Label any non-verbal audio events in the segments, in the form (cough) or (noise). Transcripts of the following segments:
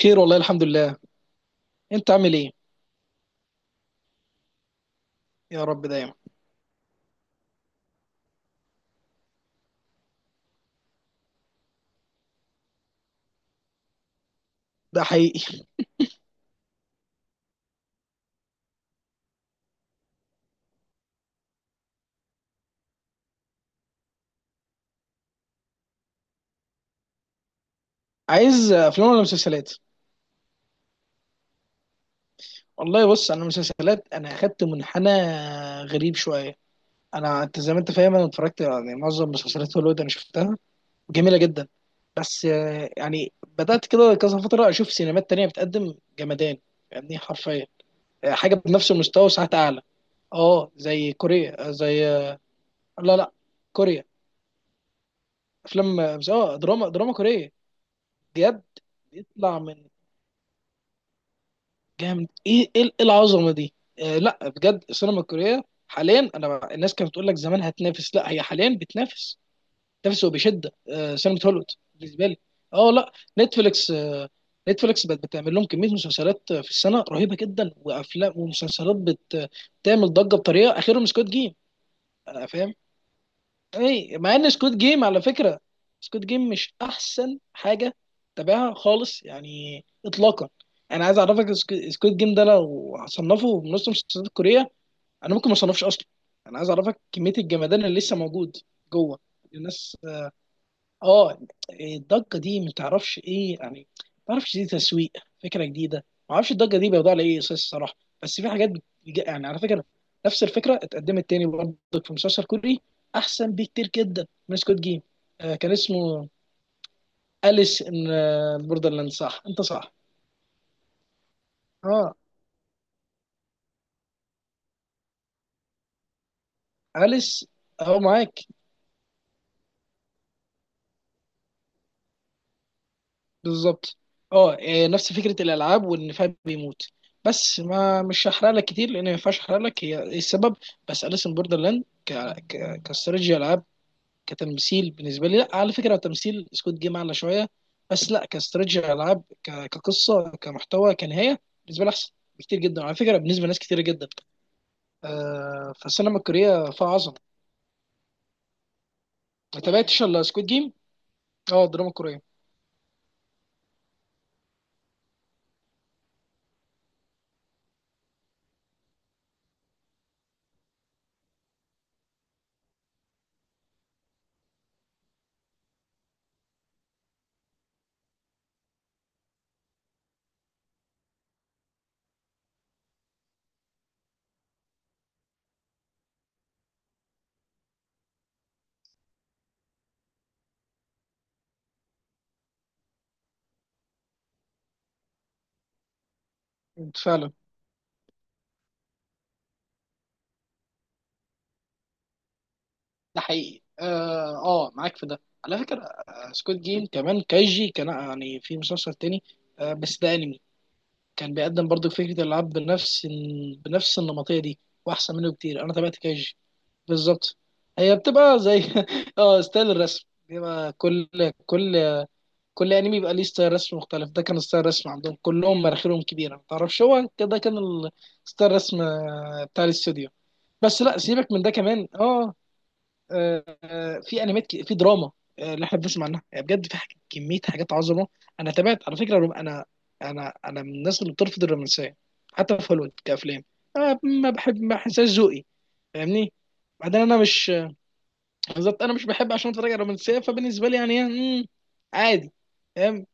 خير والله الحمد لله. انت عامل ايه؟ يا رب دايما. ده حقيقي. عايز افلام ولا مسلسلات؟ والله بص، انا مسلسلات، انا اخدت منحنى غريب شويه. انت زي ما انت فاهم، انا اتفرجت يعني معظم مسلسلات هوليوود، انا شفتها، جميله جدا. بس يعني بدات كده كذا فتره اشوف سينمات تانية بتقدم جمدان، يعني حرفيا حاجه بنفس المستوى وساعات اعلى. اه زي كوريا، آه، زي آه، لا لا، كوريا افلام. اه دراما كوريه بجد. بيطلع من جامد، ايه ايه إيه العظمه دي؟ لا بجد، السينما الكوريه حاليا، الناس كانت بتقول لك زمان هتنافس، لا هي حاليا بتنافس، بتنافس وبشده سينما هوليوود بالنسبه لي. اه لا، نتفليكس، نتفليكس بقت بتعمل لهم كميه مسلسلات في السنه رهيبه جدا، وافلام ومسلسلات بتعمل ضجه بطريقه، اخرهم سكوت جيم. اي، مع ان سكوت جيم على فكره، سكوت جيم مش احسن حاجه تابعها خالص يعني اطلاقا. انا عايز اعرفك، سكوت جيم ده لو هصنفه من نص المسلسلات الكوريه، انا ممكن ما اصنفش اصلا. انا عايز اعرفك كميه الجمدان اللي لسه موجود جوه الناس. اه، الضجه دي ما تعرفش ايه يعني، ما تعرفش دي تسويق، فكره جديده، ما اعرفش الضجه دي بيوضع على ايه اساس الصراحه. بس في حاجات يعني على فكره، نفس الفكره اتقدمت تاني برضه، في مسلسل كوري احسن بكتير جدا من سكوت جيم. كان اسمه أليس ان بوردرلاند، صح انت صح. اه أليس، اهو معاك. بالظبط. اه، نفس فكره الالعاب وان فهد بيموت، بس ما مش هحرق لك كتير لان ما ينفعش احرق لك هي إيه السبب. بس اليسن بوردرلاند ك ك كاستراتيجي العاب، كتمثيل بالنسبه لي، لا على فكره تمثيل سكوت جيم اعلى شويه، بس لا كاستراتيجي العاب، كقصه، كمحتوى، كنهايه بالنسبه لي احسن بكتير جدا على فكره، بالنسبه لناس كتير جدا. فالسينما الكوريه فيها عظمه. ما تابعتش الا سكوت جيم اه، الدراما الكوريه. فعلا، ده حقيقي اه، معاك في ده على فكرة. سكوت جيم كمان كايجي، كان يعني في مسلسل تاني، بس ده انمي. كان بيقدم برضو فكرة الألعاب، بنفس النمطية دي. وأحسن منه كتير، أنا تابعت كايجي. بالظبط. هي بتبقى زي (laughs) اه، ستايل الرسم بيبقى، كل كل انمي بيبقى ليه ستايل رسم مختلف. ده كان ستايل رسم عندهم كلهم مراخيرهم كبيرة، ما تعرفش هو ده كان ستايل رسم بتاع الاستوديو. بس لا سيبك من ده كمان اه، آه، في انميات، في دراما، اللي احنا بنسمع عنها، يعني بجد في حاجة، كميه حاجات عظمه. انا تابعت على فكره انا، انا من الناس اللي بترفض الرومانسيه، حتى في هوليوود كافلام. انا ما بحب، ما بحسهاش ذوقي فاهمني. بعدين انا مش، بالظبط انا مش بحب عشان اتفرج على رومانسيه، فبالنسبه لي يعني عادي فاهم.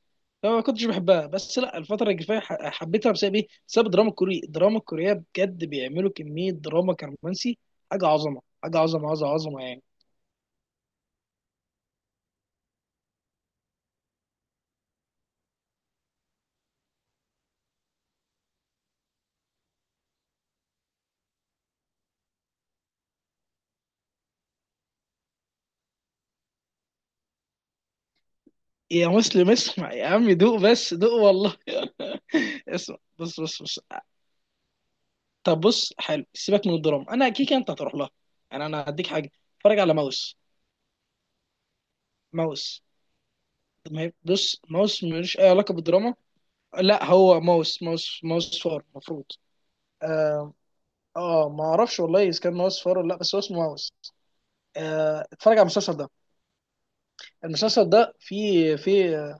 فما كنتش بحبها، بس لا الفتره الجايه، حبيتها بسبب ايه؟ بسبب الدراما الكورية. الدراما الكورية بجد بيعملوا كميه دراما كرومانسي حاجه عظمه، حاجه عظمه عظمه عظمه يعني. يا مسلم اسمع يا عم، دوق بس دوق والله (laughs) اسمع، بص بص. طب بص حلو، سيبك من الدراما، انا كيكه انت هتروح لها، يعني انا هديك حاجه، اتفرج على ماوس. ماوس، ما هي- بص، ماوس ملوش اي علاقه بالدراما. لا، هو ماوس، ماوس فار المفروض. اه، ما اعرفش والله اذا كان ماوس فار ولا لا، بس هو اسمه ماوس. اتفرج على المسلسل ده. المسلسل ده فيه،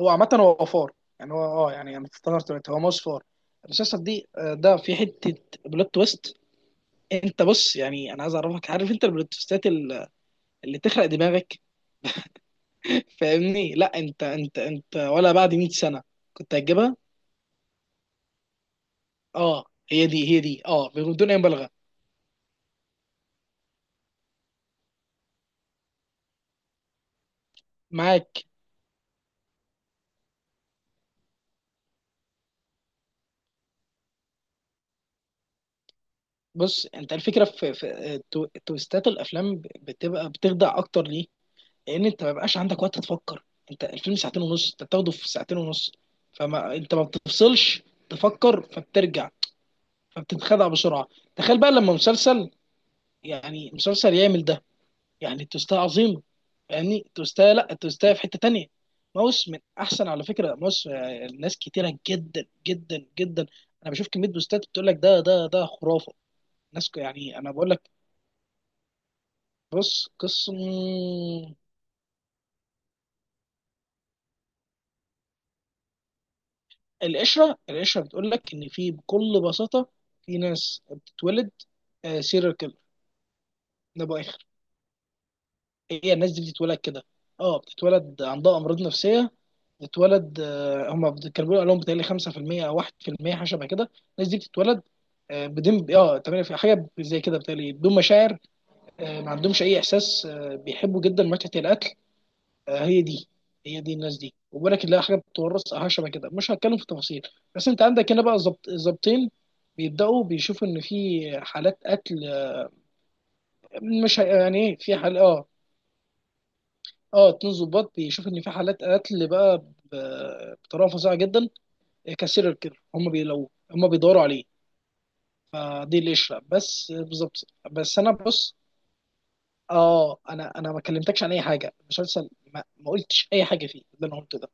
هو عامه هو فار يعني. هو اه، يعني انا افتكرت دلوقتي، هو ماوس فار. المسلسل دي، ده في حته، بلوت تويست. انت بص يعني، انا عايز اعرفك، عارف انت البلوتوستات اللي تخرق دماغك (laughs) فاهمني، لا انت ولا بعد 100 سنه كنت هتجيبها. اه، هي دي اه بدون اي مبالغه. معاك. بص، انت الفكره في تويستات الافلام بتبقى بتخدع اكتر ليه؟ لان انت ما بيبقاش عندك وقت تفكر. انت الفيلم ساعتين ونص، انت بتاخده في ساعتين ونص، فما انت ما بتفصلش تفكر، فبترجع فبتتخدع بسرعه. تخيل بقى لما مسلسل، يعني مسلسل يعمل ده، يعني التوستايه عظيمه فاهمني. التوستايه لا، التوستايه في حته تانيه. ماوس من احسن، على فكره ماوس، ناس كتيره جدا جدا جدا، انا بشوف كميه بوستات بتقول لك ده ده ده خرافه. يعني انا بقول لك، بص قسم. القشره، القشره بتقول لك ان في بكل بساطه في ناس بتتولد سيريال كيلر. ده باخر، هي الناس دي بتتولد كده، اه بتتولد عندها امراض نفسيه، بتتولد، كانوا بيقولوا لهم بتهيألي 5% او 1% حاجه شبه كده. الناس دي بتتولد بدون، اه تمام، في حاجه زي كده بتهيألي بدون مشاعر، ما عندهمش اي احساس، بيحبوا جدا متعه الاكل، هي دي، هي دي الناس دي. وبالك تلاقي حاجه بتتورث او حاجه شبه كده، مش هتكلم في تفاصيل. بس انت عندك هنا بقى، ظابطين بيبداوا بيشوفوا ان في حالات قتل، آه، مش هي- يعني ايه في حال اه اه، اتنين ظباط بيشوفوا ان في حالات قتل بقى، بطريقه فظيعه جدا كسيريال كيلر. هم بي لو هم بيدوروا عليه. فدي القشره بس بالظبط. بس انا بص، اه، انا ما كلمتكش عن اي حاجه، المسلسل ما قلتش اي حاجه فيه، ده اللي انا قلته ده.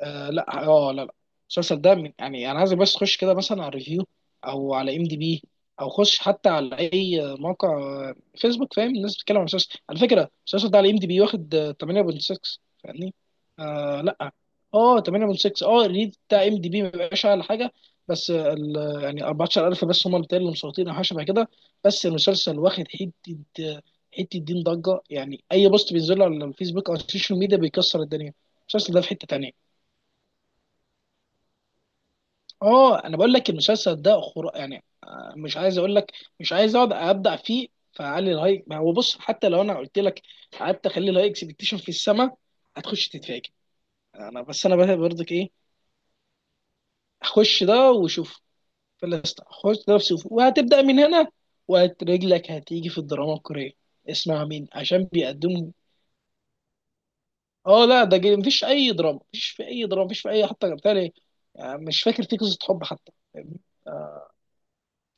آه لا اه لا لا، المسلسل ده من، يعني انا عايزك بس تخش كده مثلا على الريفيو، او على ام دي بي، او خش حتى على اي موقع، فيسبوك، فاهم الناس بتتكلم عن المسلسل. على فكره المسلسل ده على ام دي بي واخد، 8.6، فاهمني. آه لا اه 8.6، اه الريد بتاع ام دي بي ما بيبقاش اعلى حاجه، بس يعني 14,000 بس هم اللي مسيطرين او حاجه شبه كده. بس المسلسل واخد حته، آه، حته دين ضجه، يعني اي بوست بينزله على الفيسبوك او السوشيال ميديا بيكسر الدنيا. المسلسل ده في حته تانيه اه، انا بقول لك المسلسل ده خر... يعني، مش عايز اقول لك، مش عايز اقعد ابدع فيه، فعلي الهاي، ما هو بص حتى لو انا قلت لك قعدت اخلي الهاي اكسبكتيشن في السماء، هتخش تتفاجئ. انا بس انا بقى برضك ايه، اخش ده وشوف. في الليست اخش ده وشوف، وهتبدا من هنا، ورجلك هتيجي في الدراما الكوريه، اسمع مين عشان بيقدموا. اه لا ده مفيش اي دراما، مفيش في اي دراما، مفيش في اي حتى بتاع، مش فاكر في قصه حب حتى.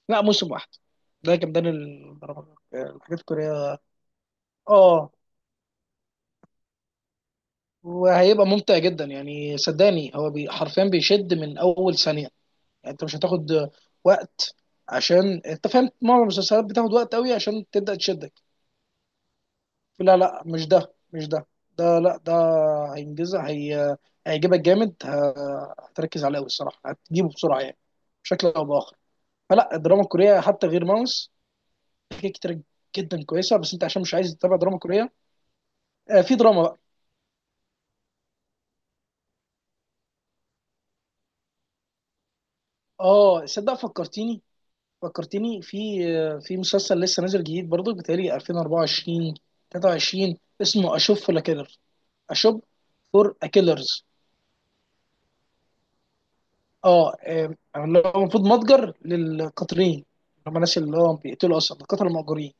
لا موسم واحد، ده كان الدراما الحاجات الكورية. اه، وهيبقى ممتع جدا يعني صدقني، هو بي حرفيا بيشد من اول ثانية، يعني انت مش هتاخد وقت، عشان انت فاهم معظم المسلسلات بتاخد وقت قوي عشان تبدأ تشدك. لا، مش ده، مش ده ده لا ده هينجزها هي، هيعجبك جامد، هتركز عليه قوي الصراحة، هتجيبه بسرعة يعني، بشكل او باخر. فلا الدراما الكورية، حتى غير ماوس، في حاجات كتير جدا كويسة، بس انت عشان مش عايز تتابع دراما كورية، في دراما بقى. اه صدق، فكرتيني، فكرتيني في، في مسلسل لسه نازل جديد برضو بتهيألي 2024، 23، اسمه اشوب فور كيلر، اشوب فور كيلرز. اه، اللي هو المفروض متجر للقاتلين، اللي هم الناس اللي هو بيقتلوا، اصلا القتله المأجورين.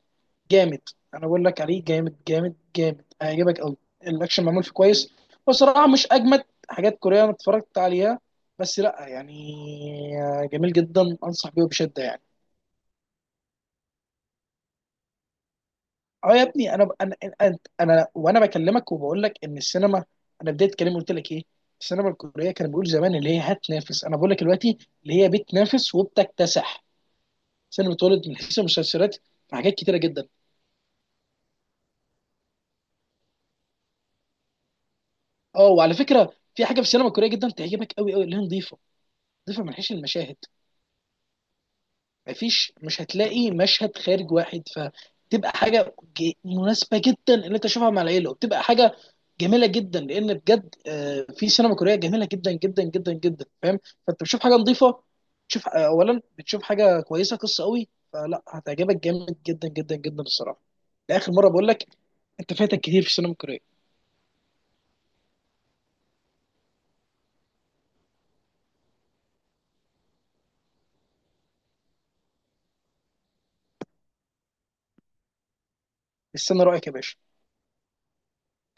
جامد، انا بقول لك عليه جامد جامد جامد، هيعجبك قوي، الاكشن معمول فيه كويس بصراحه، مش اجمد حاجات كوريه انا اتفرجت عليها، بس لا يعني، جميل جدا، انصح بيه بشده يعني. اه يا ابني، انا انا انا, أنا وانا بكلمك وبقول لك ان السينما، انا بدايه كلامي قلت لك ايه، السينما الكوريه كان بيقول زمان اللي هي هتنافس، انا بقول لك دلوقتي اللي هي بتنافس وبتكتسح سينما، اتولد من حيث المسلسلات في حاجات كتيره جدا. اه، وعلى فكره، في حاجه في السينما الكوريه جدا تعجبك قوي قوي، اللي هي نظيفه، نظيفه من حيث المشاهد، مفيش، مش هتلاقي مشهد خارج واحد، فتبقى حاجه مناسبه جدا ان انت تشوفها مع العيله، وبتبقى حاجه جميله جدا لان بجد، في سينما كوريه جميله جدا جدا جدا جدا فاهم. فانت بتشوف حاجه نظيفه، تشوف، اولا بتشوف حاجه كويسه قصه قوي، فلا هتعجبك جامد جدا جدا جدا الصراحه. لاخر مره بقول لك، انت فاتك كتير في السينما الكوريه. استنى رايك يا باشا.